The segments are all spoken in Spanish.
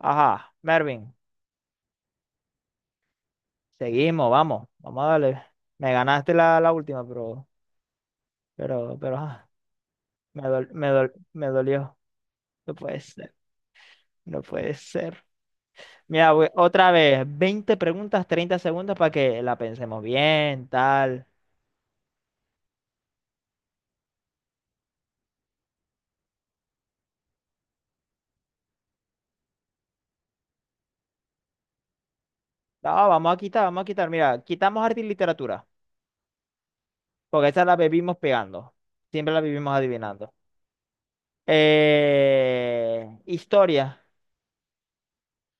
Ajá, Mervin, seguimos, vamos a darle. Me ganaste la última, pero, ajá, me dolió. No puede ser, no puede ser. Mira, güey, otra vez, 20 preguntas, 30 segundos para que la pensemos bien, tal. No, vamos a quitar, vamos a quitar. Mira, quitamos arte y literatura, porque esa la vivimos pegando. Siempre la vivimos adivinando. Historia,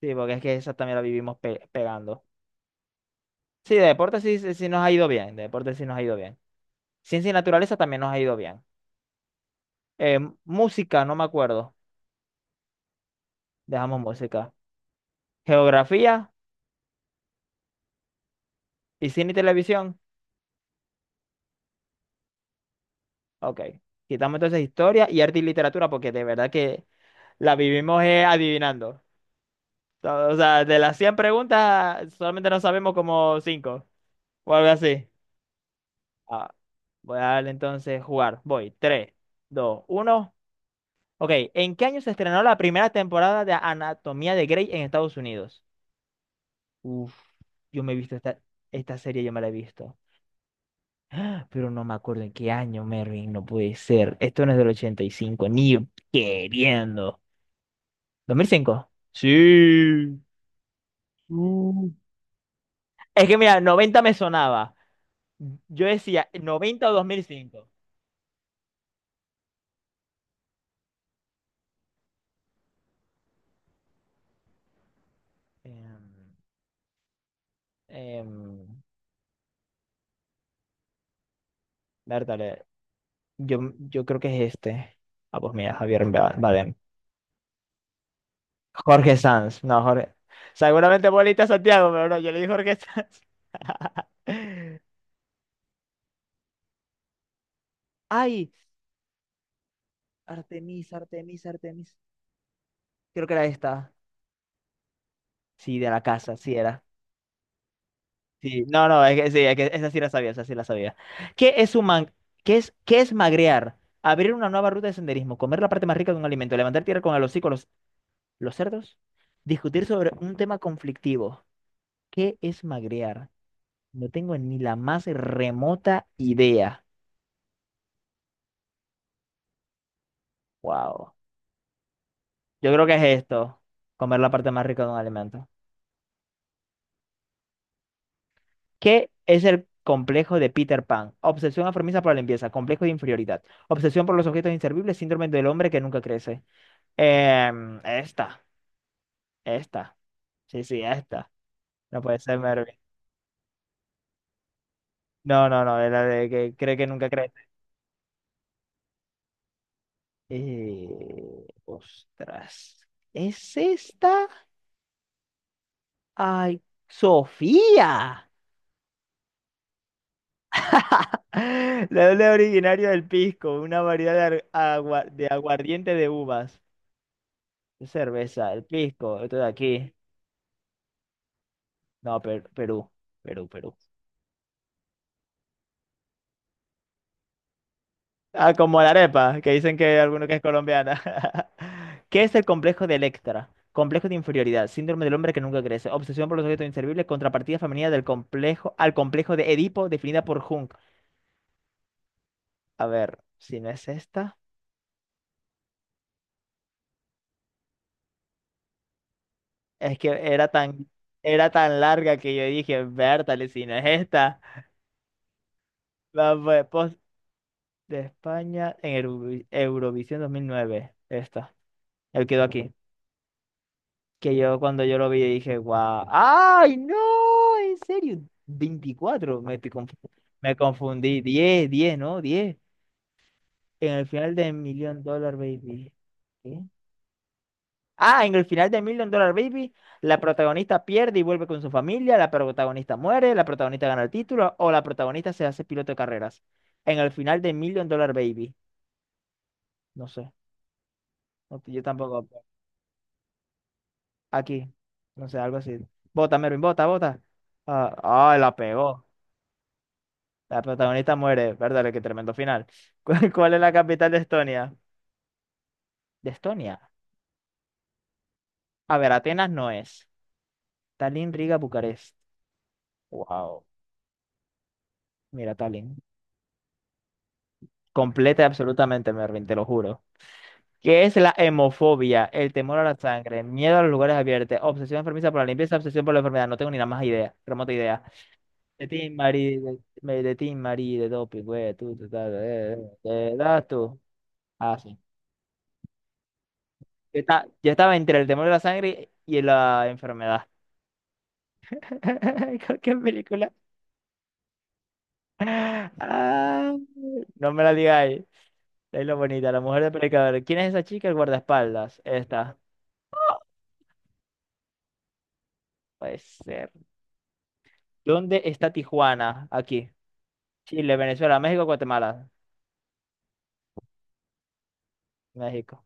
sí, porque es que esa también la vivimos pegando. Sí, de deporte sí, sí nos ha ido bien, de deporte sí nos ha ido bien. Ciencia y naturaleza también nos ha ido bien. Eh, música, no me acuerdo, dejamos música. Geografía y cine y televisión, ok. Quitamos entonces historia y arte y literatura porque de verdad que la vivimos adivinando. O o sea, de las 100 preguntas solamente nos sabemos como 5 o algo así. Ah, voy a darle entonces jugar. Voy, tres, dos, uno. Ok, ¿en qué año se estrenó la primera temporada de Anatomía de Grey en Estados Unidos? Uf, yo me he visto esta, serie, yo me la he visto, pero no me acuerdo en qué año, Mervin, no puede ser. Esto no es del 85, ni queriendo. ¿2005? Sí. Uh. Es que mira, 90 me sonaba. Yo decía 90 o 2005. Em, em, Bertale, yo, yo creo que es este. Ah, pues mira, Javier Bardem. Jorge Sanz, no, Jorge. Seguramente bolita Santiago, pero no, yo le di Jorge Sanz. Ay, Artemisa, Artemisa, Artemisa. Creo que era esta. Sí, de la casa, sí era. Sí, no, no, es que sí, es que esa sí la sabía, esa sí la sabía. ¿Qué es un man- qué es magrear? Abrir una nueva ruta de senderismo, comer la parte más rica de un alimento, levantar tierra con el hocico, los cerdos, discutir sobre un tema conflictivo. ¿Qué es magrear? No tengo ni la más remota idea. Wow. Yo creo que es esto, comer la parte más rica de un alimento. ¿Qué es el complejo de Peter Pan? Obsesión enfermiza por la limpieza, complejo de inferioridad, obsesión por los objetos inservibles, síndrome del hombre que nunca crece. Em, esta, esta, sí, esta. No puede ser, Mervin. No, no, no, es la de que cree que nunca crece. Ostras, ¿es esta? ¡Ay, Sofía! La Leble originario del pisco, una variedad de aguardiente de uvas. Cerveza, el pisco, esto de aquí. No, Perú, Perú, Perú. Ah, como la arepa, que dicen que hay alguno que es colombiana. ¿Qué es el complejo de Electra? Complejo de inferioridad, síndrome del hombre que nunca crece, obsesión por los objetos inservibles, contrapartida femenina del complejo al complejo de Edipo definida por Jung. A ver, si no es esta, es que era tan larga que yo dije, Bertale, si no es esta. La pues, post de España en Eurovisión 2009, esta. Él quedó aquí. Que yo cuando yo lo vi dije, guau, ¡ay, no! ¿En serio? 24, me confundí. Diez, diez, ¿no? Diez. En el final de Million Dollar Baby. ¿Qué? Ah, en el final de Million Dollar Baby, la protagonista pierde y vuelve con su familia, la protagonista muere, la protagonista gana el título o la protagonista se hace piloto de carreras. En el final de Million Dollar Baby, no sé, yo tampoco. Aquí, no sé, algo así. Bota, Mervin, bota, bota. Ah, ah, la pegó. La protagonista muere, ¿verdad? Qué tremendo final. ¿Cuál es la capital de Estonia? De Estonia. A ver, Atenas no es. Tallinn, Riga, Bucarest. Wow. Mira, Tallinn. Completa y absolutamente, Mervin, te lo juro. ¿Qué es la hemofobia? El temor a la sangre, miedo a los lugares abiertos, obsesión enfermiza por la limpieza, obsesión por la enfermedad. No tengo ni la más idea, remota idea. De ti, Marie, de doping, güey, te das tú. Ah, sí. Yo estaba entre el temor a la sangre y la enfermedad. ¿Con qué película? Ah, no me la digáis. Es lo bonita, la mujer de predicador. ¿Quién es esa chica? El guardaespaldas. Esta. Puede ser. ¿Dónde está Tijuana? Aquí. Chile, Venezuela, México, Guatemala. México.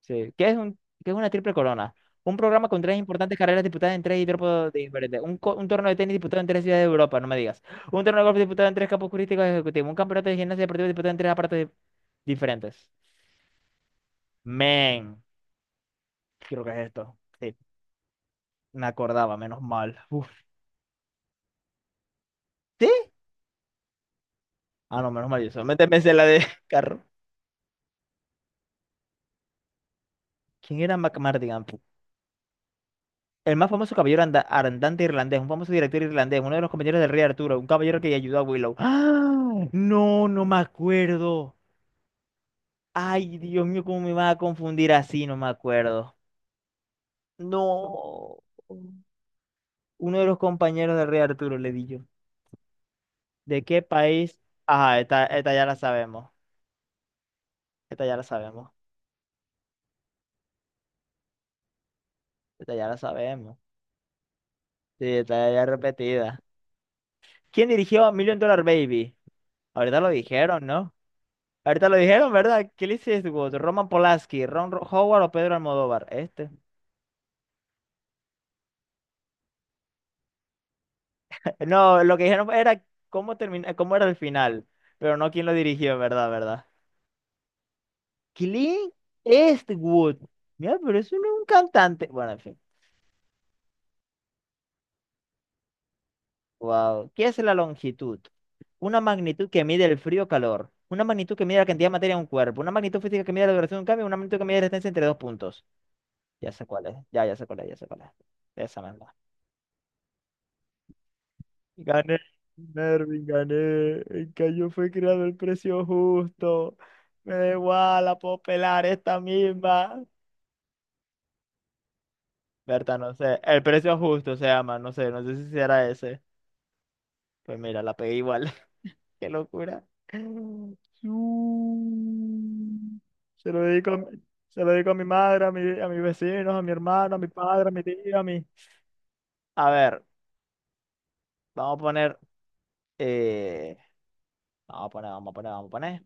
Sí. ¿Qué es una triple corona? Un programa con tres importantes carreras disputadas en tres hidrópodos diferentes. Un torneo de tenis disputado en tres ciudades de Europa, no me digas. Un torneo de golf disputado en tres campos turísticos ejecutivos. Un campeonato de gimnasia deportiva disputado en tres aparatos diferentes. Men. Creo que es esto. Sí. Me acordaba, menos mal. ¿Usted? Ah, no, menos mal. Yo solamente pensé en la de carro. ¿Quién era MacMardigan? El más famoso caballero andante irlandés, un famoso director irlandés, uno de los compañeros del rey Arturo, un caballero que ayudó a Willow. ¡Ah! No, no me acuerdo. Ay, Dios mío, cómo me va a confundir así, no me acuerdo. No. Uno de los compañeros del rey Arturo, le di yo. ¿De qué país? Ajá, esta ya la sabemos. Esta ya la sabemos. Esta ya la sabemos. Sí, esta ya es repetida. ¿Quién dirigió Million Dollar Baby? Ahorita lo dijeron, ¿no? Ahorita lo dijeron, ¿verdad? Clint Eastwood, Roman Polanski, Ron Howard o Pedro Almodóvar. Este. No, lo que dijeron era cómo termina, cómo era el final, pero no quién lo dirigió, ¿verdad? ¿Verdad? Clint Eastwood. Mira, pero eso no es un cantante. Bueno, en fin. Wow. ¿Qué es la longitud? Una magnitud que mide el frío o calor. Una magnitud que mide la cantidad de materia en un cuerpo. Una magnitud física que mide la duración de un cambio. Una magnitud que mide la distancia entre dos puntos. Ya sé cuál es. Ya sé cuál es, ya sé cuál es. Esa misma. Gané, Mervin, gané. El callo fue creado el precio justo. Me da igual, la puedo pelar esta misma. Berta, no sé. El precio justo se llama, no sé, no sé si será ese. Pues mira, la pegué igual. Qué locura. Su- Se lo dedico a mi, se lo dedico a mi madre, a mis vecinos, a mi hermano, a mi padre, a mi tío, a mi. A ver, vamos a poner. eh, Vamos a poner, vamos a poner, vamos a poner.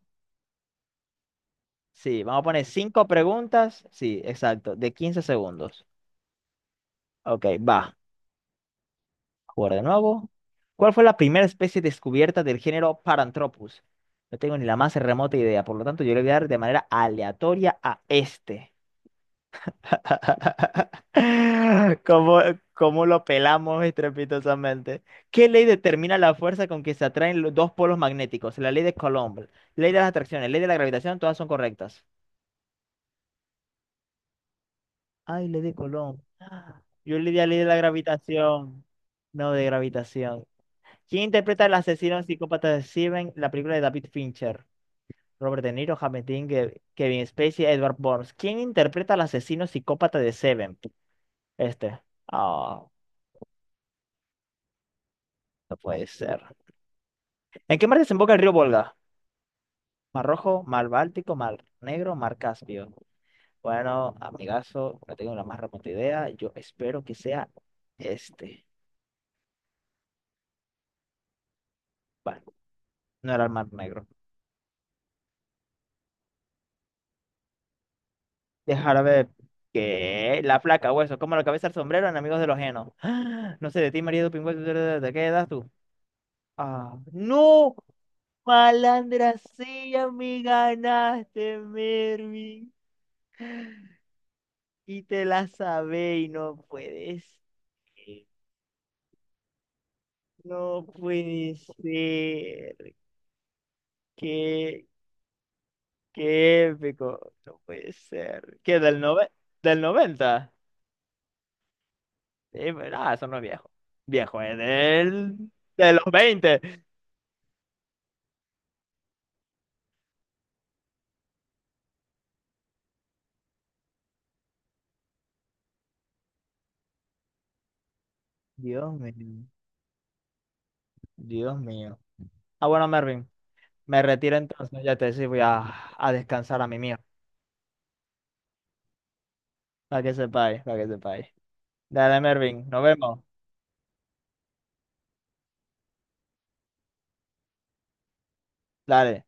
Sí, vamos a poner cinco preguntas. Sí, exacto, de 15 segundos. Ok, va. Jugar de nuevo. ¿Cuál fue la primera especie descubierta del género Paranthropus? No tengo ni la más remota idea, por lo tanto yo le voy a dar de manera aleatoria a este. ¿Cómo, cómo lo pelamos estrepitosamente? ¿Qué ley determina la fuerza con que se atraen los dos polos magnéticos? La ley de Coulomb, ley de las atracciones, ley de la gravitación, todas son correctas. Ay, le di Colón. Ah, yo le di a Ley de la Gravitación. No, de gravitación. ¿Quién interpreta al asesino psicópata de Steven, la película de David Fincher? Robert De Niro, James Dean, Kevin Spacey, Edward Burns. ¿Quién interpreta al asesino psicópata de Seven? Este. Ah, no puede ser. ¿En qué mar desemboca el río Volga? ¿Mar Rojo, Mar Báltico, Mar Negro, Mar Caspio? Bueno, amigazo, no tengo la más remota idea. Yo espero que sea este. Bueno, no era el Mar Negro. Dejar ver que la placa, hueso, como la cabeza el sombrero en Amigos de los Genos. No sé de ti, María Pingüe, ¿de qué edad tú? Ah, no, malandra sea, me ganaste, Mervin. Y te la sabé y no puedes. No puede ser. Qué, qué épico. No puede ser. ¿Qué del del noventa? Sí, pero, eso no es viejo. Viejo es del de los veinte. Dios mío, Dios mío. Ah, bueno, Mervin, me retiro entonces, ya te decía, voy a descansar a mi mío, para que sepáis, para que sepáis. Dale, Mervin, nos vemos. Dale.